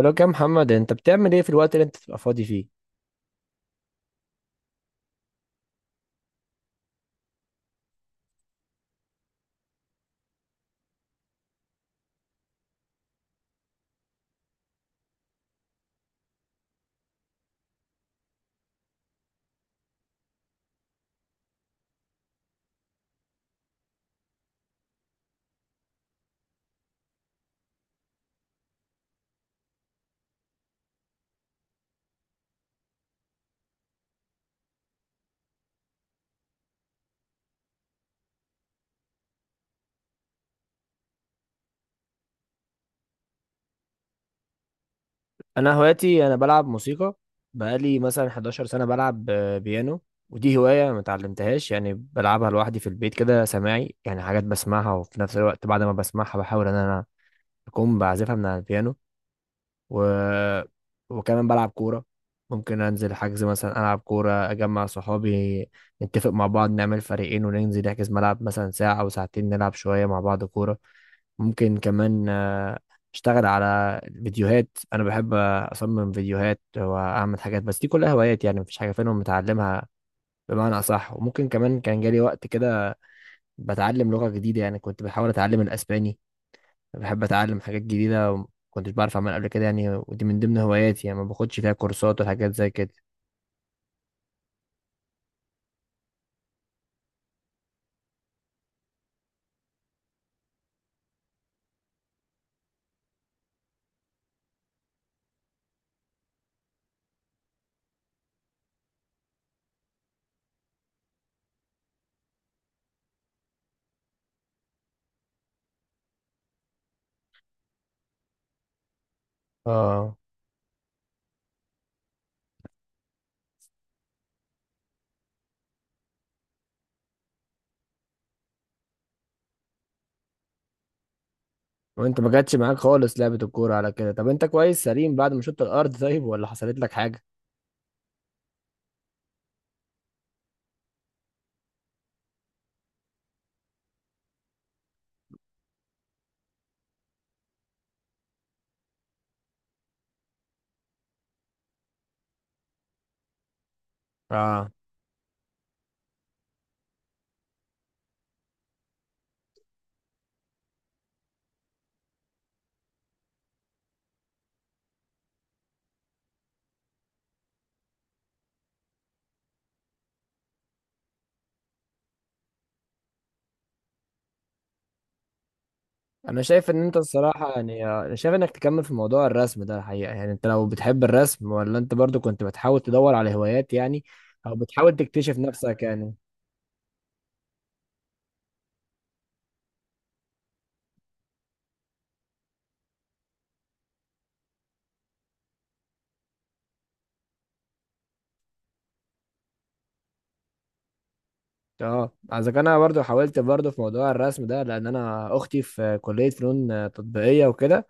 بقولك يا محمد، انت بتعمل ايه في الوقت اللي انت بتبقى فاضي فيه؟ انا هواياتي، انا بلعب موسيقى. بقالي مثلا 11 سنة بلعب بيانو. ودي هواية ما اتعلمتهاش، يعني بلعبها لوحدي في البيت كده سماعي، يعني حاجات بسمعها وفي نفس الوقت بعد ما بسمعها بحاول ان انا اكون بعزفها من على البيانو. و... وكمان بلعب كورة. ممكن انزل حجز مثلا العب كورة، اجمع صحابي، نتفق مع بعض نعمل فريقين وننزل نحجز ملعب مثلا ساعة او ساعتين، نلعب شوية مع بعض كورة. ممكن كمان اشتغل على فيديوهات. انا بحب اصمم فيديوهات واعمل حاجات، بس دي كلها هوايات يعني مفيش حاجه فيهم متعلمها بمعنى اصح. وممكن كمان كان جالي وقت كده بتعلم لغه جديده، يعني كنت بحاول اتعلم الاسباني. بحب اتعلم حاجات جديده وما كنتش بعرف اعملها قبل كده، يعني ودي من ضمن هواياتي يعني ما باخدش فيها كورسات وحاجات زي كده. اه، وانت ما جاتش معاك خالص لعبه الكوره على كده؟ طب انت كويس سليم بعد ما شطت الارض، طيب ولا حصلت لك حاجه؟ اه، انا شايف ان انت الصراحه، يعني انا شايف انك تكمل في موضوع الرسم ده الحقيقه. يعني انت لو بتحب الرسم، ولا انت برضو كنت بتحاول تدور على هوايات يعني، او بتحاول تكتشف نفسك يعني. اه، اذا كان انا برضو حاولت برضو في موضوع الرسم ده لان انا اختي في كليه فنون تطبيقيه وكده.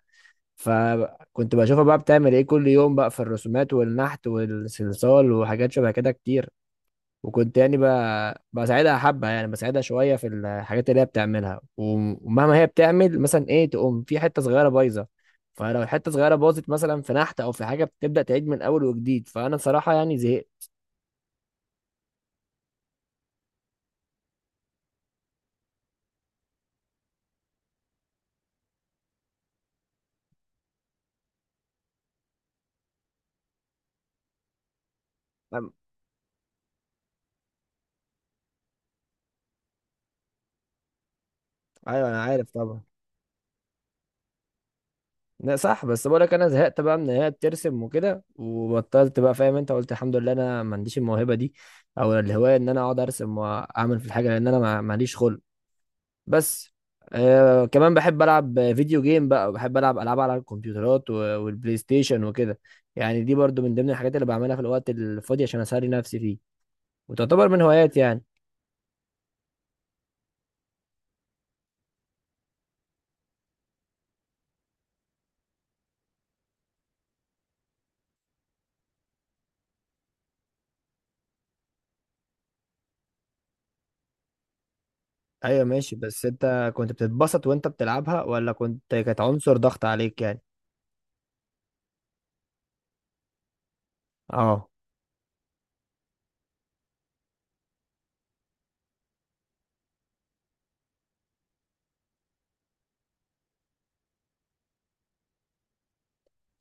فكنت بشوفها بقى بتعمل ايه كل يوم بقى في الرسومات والنحت والصلصال وحاجات شبه كده كتير. وكنت يعني بساعدها حبة، يعني بساعدها شوية في الحاجات اللي هي بتعملها ومهما هي بتعمل مثلا ايه تقوم في حتة صغيرة بايظة. فلو الحتة صغيرة باظت مثلا في نحت أو في حاجة، بتبدأ تعيد من أول وجديد. فأنا بصراحة يعني زهقت. أم- أيوة أنا عارف طبعا. لا صح، بس بقولك أنا زهقت بقى من إن هي بترسم وكده، وبطلت بقى فاهم. أنت قلت الحمد لله أنا ما عنديش الموهبة دي أو الهواية إن أنا أقعد أرسم وأعمل في الحاجة، لأن أنا ماليش خلق بس. آه، كمان بحب العب فيديو جيم بقى، بحب العب العاب على الكمبيوترات والبلاي ستيشن وكده. يعني دي برضو من ضمن الحاجات اللي بعملها في الوقت الفاضي عشان اسلي نفسي فيه، وتعتبر من هواياتي يعني. ايوه ماشي، بس انت كنت بتتبسط وانت بتلعبها، ولا كنت كانت عنصر ضغط عليك يعني؟ اه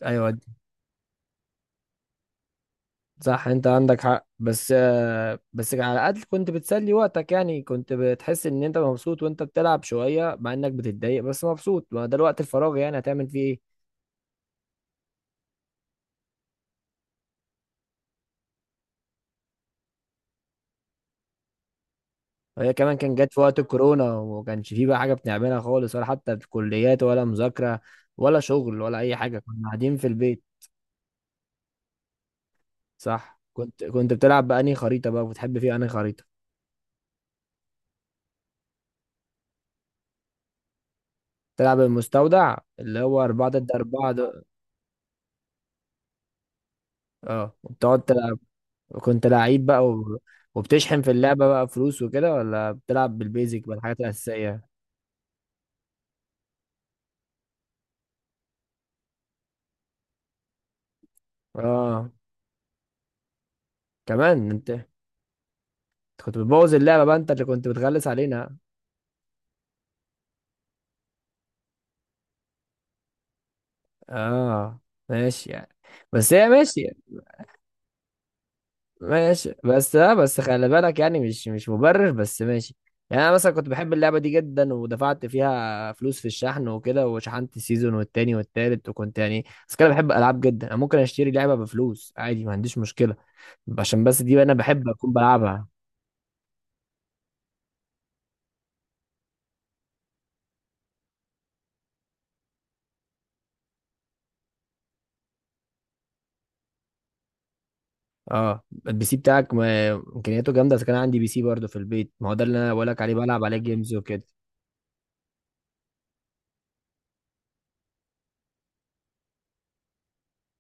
ايوه صح، انت عندك حق. بس آه، بس على الاقل كنت بتسلي وقتك، يعني كنت بتحس ان انت مبسوط وانت بتلعب شويه، مع انك بتتضايق بس مبسوط. ما ده الوقت الفراغ يعني هتعمل فيه ايه؟ وهي كمان كان جت في وقت الكورونا، وما كانش فيه بقى حاجة بنعملها خالص ولا حتى في كليات ولا مذاكرة ولا شغل ولا أي حاجة، كنا قاعدين في البيت. صح. كنت بتلعب بأنهي خريطة بقى؟ بتحب فيها أنهي خريطة؟ تلعب المستودع اللي هو أربعة ضد أربعة ده؟ اه، وبتقعد تلعب. كنت لعيب بقى وبتشحن في اللعبة بقى فلوس وكده، ولا بتلعب بالبيزك بالحاجات الأساسية؟ اه، كمان أنت كنت بتبوظ اللعبة بقى، انت اللي كنت بتغلس علينا. اه ماشي يعني، بس هي ماشي. ماشي بس لا، بس خلي بالك يعني، مش مبرر، بس ماشي. يعني انا مثلا كنت بحب اللعبه دي جدا، ودفعت فيها فلوس في الشحن وكده، وشحنت السيزون والتاني والتالت، وكنت يعني بس كده بحب العاب جدا. انا ممكن اشتري لعبه بفلوس عادي، ما عنديش مشكله عشان بس دي انا بحب اكون بلعبها. اه، البي سي بتاعك امكانياته جامده. اذا كان عندي بي سي برضه في البيت، ما هو ده اللي انا بقول لك عليه، بلعب عليه جيمز وكده.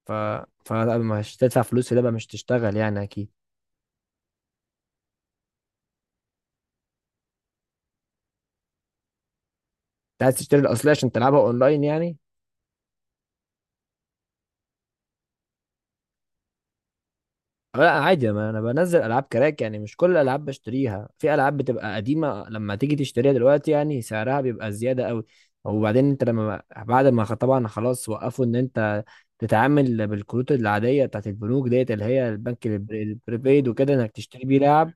ف فمش تدفع فلوس في لعبه مش تشتغل يعني، اكيد. انت عايز تشتري الاصليه عشان تلعبها اونلاين يعني؟ لا عادي، ما انا بنزل العاب كراك. يعني مش كل الالعاب بشتريها، في العاب بتبقى قديمه لما تيجي تشتريها دلوقتي يعني سعرها بيبقى زياده قوي. وبعدين انت لما بعد ما طبعا خلاص، وقفوا ان انت تتعامل بالكروت العاديه بتاعت البنوك ديت، اللي هي البنك البريبايد وكده، انك تشتري بيه لعب.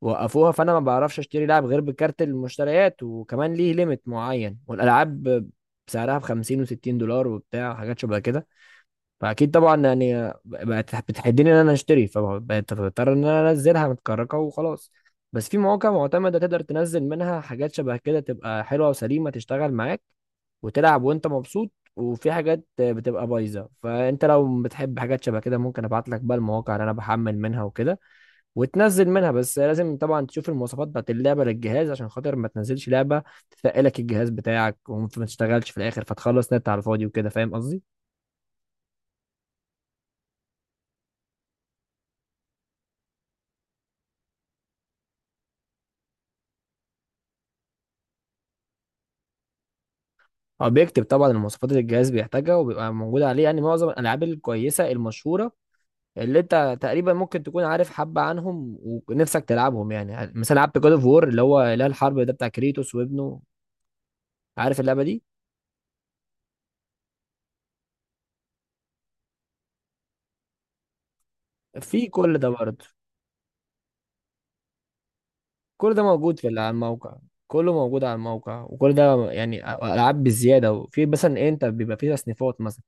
وقفوها، فانا ما بعرفش اشتري لعب غير بكارت المشتريات، وكمان ليه ليميت معين. والالعاب سعرها ب 50 و60 دولار وبتاع حاجات شبه كده. فاكيد طبعا، يعني بقت بتحدني ان انا اشتري، فبقيت بضطر ان انا انزلها متكركه وخلاص. بس في مواقع معتمده تقدر تنزل منها حاجات شبه كده، تبقى حلوه وسليمه تشتغل معاك وتلعب وانت مبسوط. وفي حاجات بتبقى بايظه. فانت لو بتحب حاجات شبه كده، ممكن ابعت لك بقى المواقع اللي انا بحمل منها وكده، وتنزل منها. بس لازم طبعا تشوف المواصفات بتاعت اللعبه للجهاز، عشان خاطر ما تنزلش لعبه تثقلك الجهاز بتاعك وما تشتغلش في الاخر، فتخلص نت على الفاضي وكده، فاهم قصدي. هو بيكتب طبعا المواصفات اللي الجهاز بيحتاجها، وبيبقى موجودة عليه يعني معظم الألعاب الكويسة المشهورة اللي أنت تقريبا ممكن تكون عارف حبة عنهم ونفسك تلعبهم. يعني مثلا لعبت جود أوف وور، اللي هو إله الحرب ده بتاع كريتوس وابنه، عارف اللعبة دي؟ في كل ده برضه. كل ده موجود في على الموقع. كله موجود على الموقع. وكل ده يعني ألعاب بالزيادة، وفي مثلا إيه، أنت بيبقى فيه تصنيفات مثلا.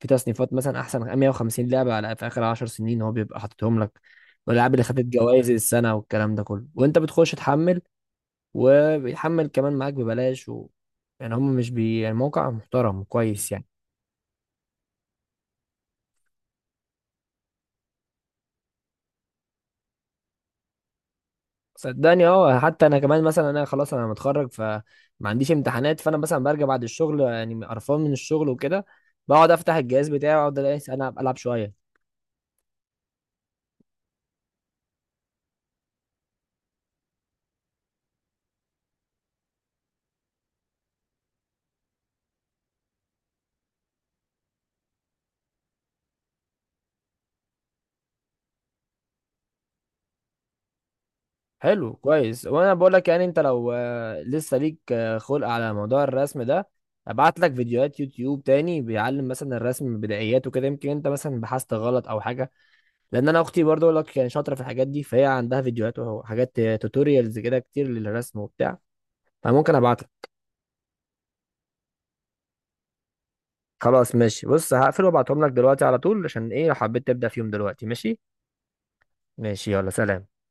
في تصنيفات مثلا احسن 150 لعبه على في اخر 10 سنين، هو بيبقى حاططهم لك. والالعاب اللي خدت جوائز السنه والكلام ده كله، وانت بتخش تحمل. وبيحمل كمان معاك ببلاش يعني هم مش بي، يعني موقع محترم كويس يعني. صدقني اه، حتى انا كمان مثلا، انا خلاص انا متخرج، فما عنديش امتحانات. فانا مثلا برجع بعد الشغل يعني قرفان من الشغل وكده، بقعد افتح الجهاز بتاعي واقعد الاقي العب العب شويه. حلو كويس. وانا بقول لك يعني انت لو لسه ليك خلق على موضوع الرسم ده، ابعت لك فيديوهات يوتيوب تاني بيعلم مثلا الرسم بدايات وكده. يمكن انت مثلا بحثت غلط او حاجه، لان انا اختي برضو اقول لك كانت شاطره في الحاجات دي، فهي عندها فيديوهات وحاجات توتوريالز كده كتير للرسم وبتاع، فممكن ابعت لك. خلاص ماشي، بص هقفل وابعتهم لك دلوقتي على طول، عشان ايه لو حبيت تبدا فيهم دلوقتي. ماشي ماشي، يلا سلام.